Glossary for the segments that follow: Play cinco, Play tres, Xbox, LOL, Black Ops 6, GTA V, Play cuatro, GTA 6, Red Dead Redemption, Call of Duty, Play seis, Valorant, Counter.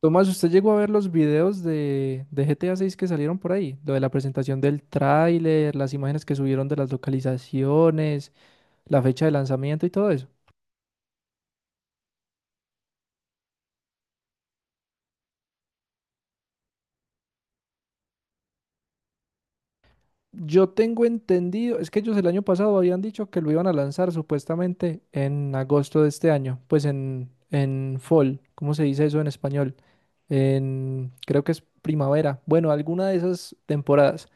Tomás, ¿usted llegó a ver los videos de GTA 6 que salieron por ahí? Lo de la presentación del tráiler, las imágenes que subieron de las localizaciones, la fecha de lanzamiento y todo eso. Yo tengo entendido, es que ellos el año pasado habían dicho que lo iban a lanzar supuestamente en agosto de este año, pues en fall, ¿cómo se dice eso en español? En, creo que es primavera, bueno, alguna de esas temporadas.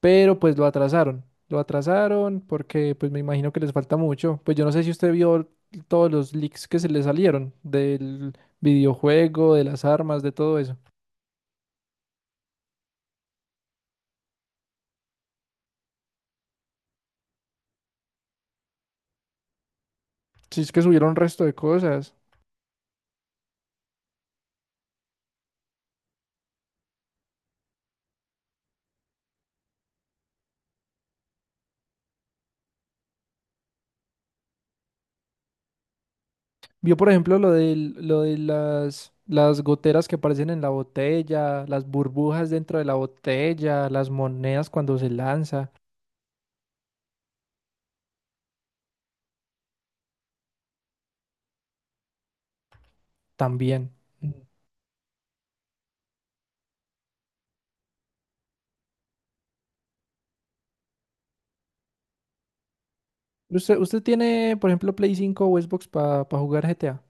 Pero pues lo atrasaron. Lo atrasaron porque pues me imagino que les falta mucho. Pues yo no sé si usted vio todos los leaks que se le salieron del videojuego, de las armas, de todo eso. Si es que subieron resto de cosas. Vio, por ejemplo, lo de las goteras que aparecen en la botella, las burbujas dentro de la botella, las monedas cuando se lanza, también. Mm. ¿Usted tiene, por ejemplo, Play cinco o Xbox para jugar GTA?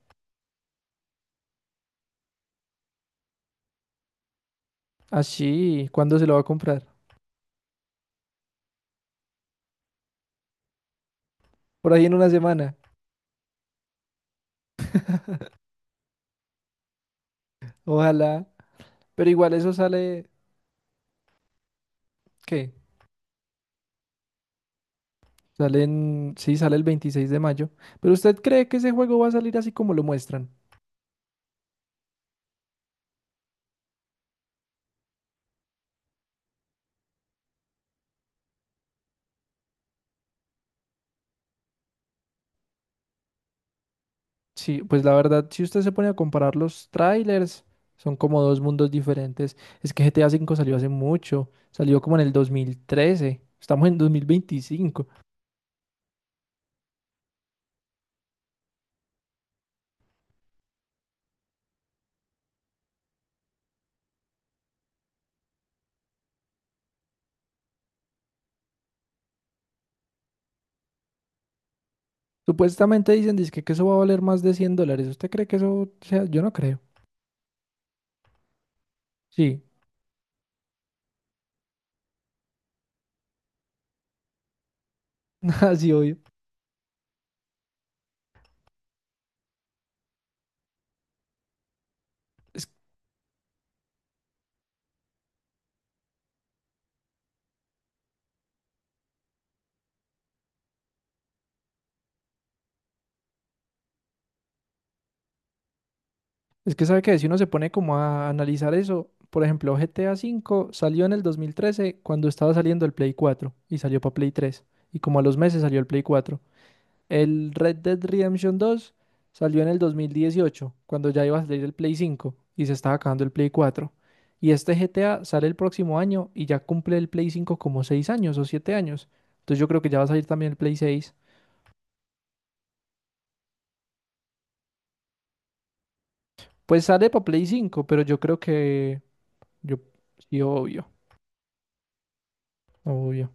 Así, ¿cuándo se lo va a comprar? Por ahí en una semana. Ojalá. Pero igual eso sale, ¿qué? Sale en, sí, sale el 26 de mayo. Pero ¿usted cree que ese juego va a salir así como lo muestran? Sí, pues la verdad, si usted se pone a comparar los trailers, son como dos mundos diferentes. Es que GTA 5 V salió hace mucho, salió como en el 2013. Estamos en 2025. Supuestamente dicen, dizque que eso va a valer más de 100 dólares. ¿Usted cree que eso sea? Yo no creo. Sí, así obvio. Es Es que sabe que si uno se pone como a analizar eso, por ejemplo, GTA cinco salió en el 2013 cuando estaba saliendo el Play cuatro y salió para Play tres, y como a los meses salió el Play cuatro. El Red Dead Redemption dos salió en el 2018 cuando ya iba a salir el Play cinco y se estaba acabando el Play cuatro. Y este GTA sale el próximo año y ya cumple el Play cinco como 6 años o 7 años. Entonces yo creo que ya va a salir también el Play seis. Pues sale para Play cinco, pero yo creo que... Yo... Sí, obvio, obvio.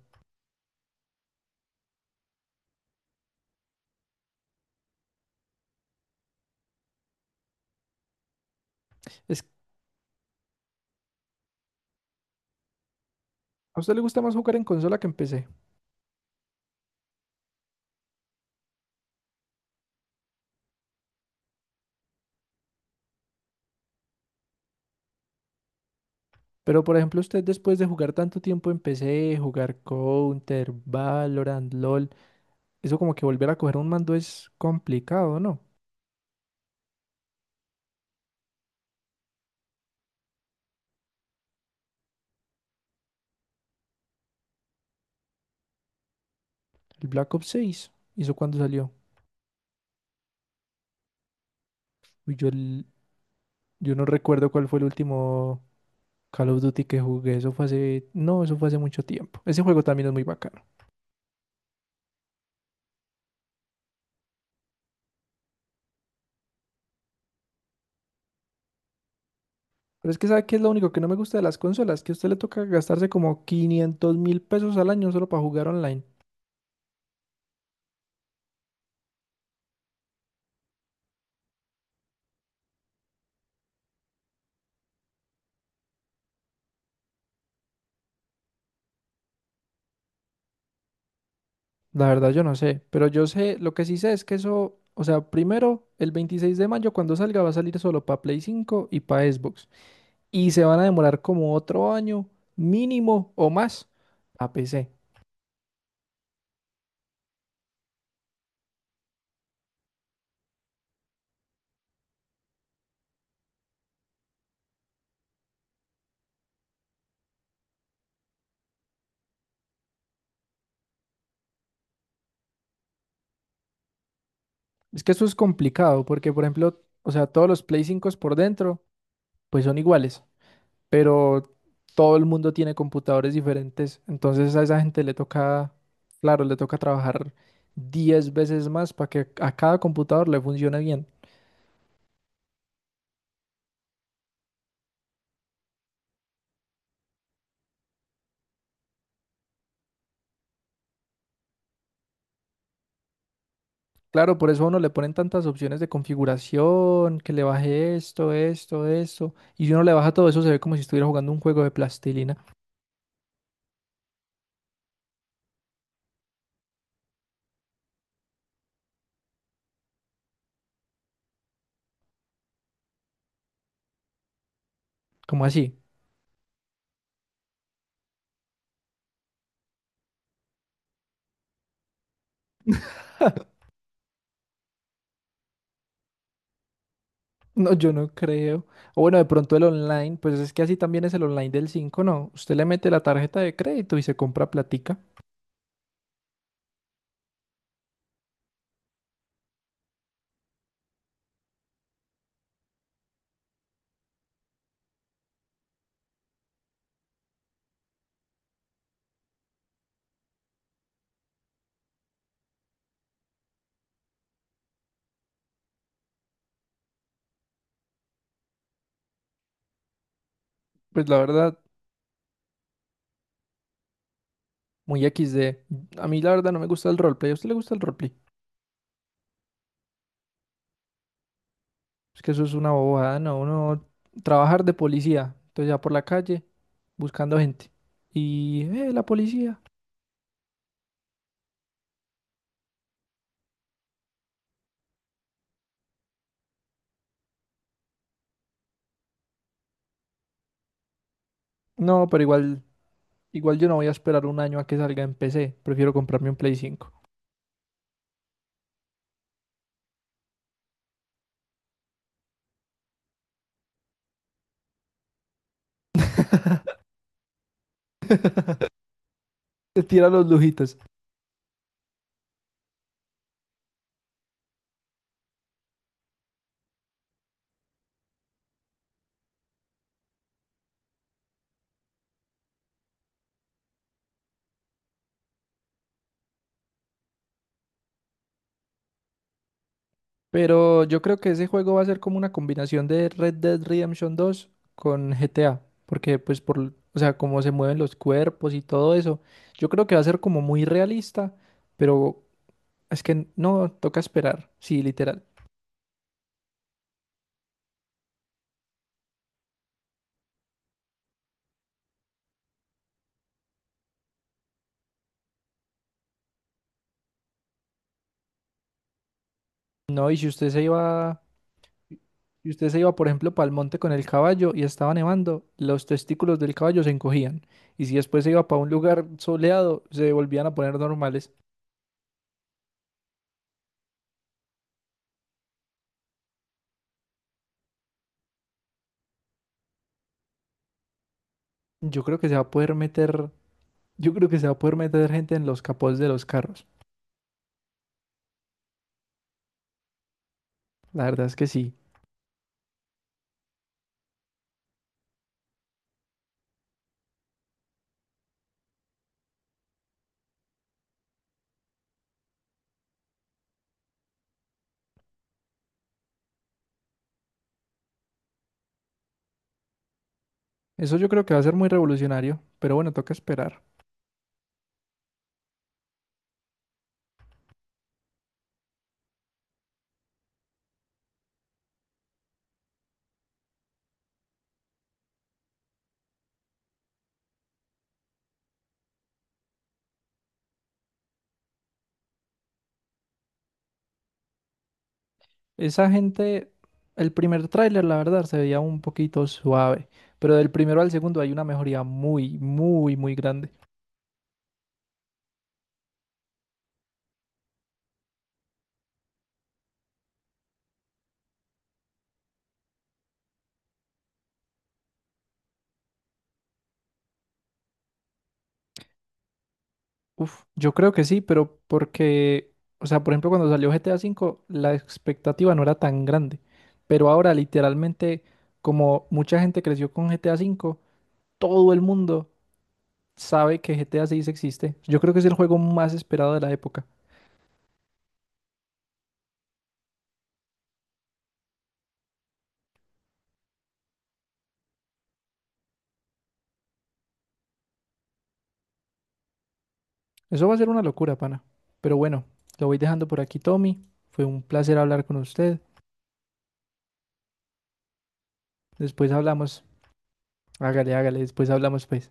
Es a usted le gusta más jugar en consola que en PC. Pero por ejemplo, usted después de jugar tanto tiempo en PC, jugar Counter, Valorant, LOL, eso como que volver a coger un mando es complicado, ¿no? El Black Ops 6, ¿hizo cuándo salió? Uy, yo, yo no recuerdo cuál fue el último Call of Duty que jugué, eso fue hace... No, eso fue hace mucho tiempo. Ese juego también es muy bacano. Pero es que ¿sabe qué es lo único que no me gusta de las consolas? Que a usted le toca gastarse como 500 mil pesos al año solo para jugar online. La verdad yo no sé, pero yo sé, lo que sí sé es que eso, o sea, primero, el 26 de mayo cuando salga va a salir solo para Play cinco y para Xbox. Y se van a demorar como otro año mínimo o más a PC. Es que eso es complicado porque, por ejemplo, o sea, todos los Play 5 por dentro, pues son iguales, pero todo el mundo tiene computadores diferentes. Entonces a esa gente le toca, claro, le toca trabajar 10 veces más para que a cada computador le funcione bien. Claro, por eso a uno le ponen tantas opciones de configuración, que le baje esto, esto, esto. Y si uno le baja todo eso, se ve como si estuviera jugando un juego de plastilina. ¿Cómo así? No, yo no creo. O bueno, de pronto el online, pues es que así también es el online del 5, ¿no? Usted le mete la tarjeta de crédito y se compra platica. Pues la verdad, muy XD. A mí la verdad no me gusta el roleplay. ¿A usted le gusta el roleplay? Es que eso es una bobada, ¿no? Uno trabajar de policía. Entonces ya por la calle, buscando gente. Y, la policía. No, pero igual. Igual yo no voy a esperar un año a que salga en PC. Prefiero comprarme un Play cinco. Te tira los lujitos. Pero yo creo que ese juego va a ser como una combinación de Red Dead Redemption dos con GTA. Porque pues por, o sea, cómo se mueven los cuerpos y todo eso. Yo creo que va a ser como muy realista. Pero es que no, toca esperar. Sí, literal. No, y si usted se iba Y usted se iba, por ejemplo, para el monte con el caballo y estaba nevando, los testículos del caballo se encogían. Y si después se iba para un lugar soleado, se volvían a poner normales. Yo creo que se va a poder meter, yo creo que se va a poder meter gente en los capots de los carros. La verdad es que sí. Eso yo creo que va a ser muy revolucionario, pero bueno, toca esperar. Esa gente, el primer tráiler, la verdad, se veía un poquito suave, pero del primero al segundo hay una mejoría muy, muy, muy grande. Uf, yo creo que sí, pero porque, o sea, por ejemplo, cuando salió GTA 5 V, la expectativa no era tan grande, pero ahora literalmente, como mucha gente creció con GTA 5 V, todo el mundo sabe que GTA 6 existe. Yo creo que es el juego más esperado de la época. Eso va a ser una locura, pana. Pero bueno, lo voy dejando por aquí, Tommy. Fue un placer hablar con usted. Después hablamos. Hágale, hágale, después hablamos, pues.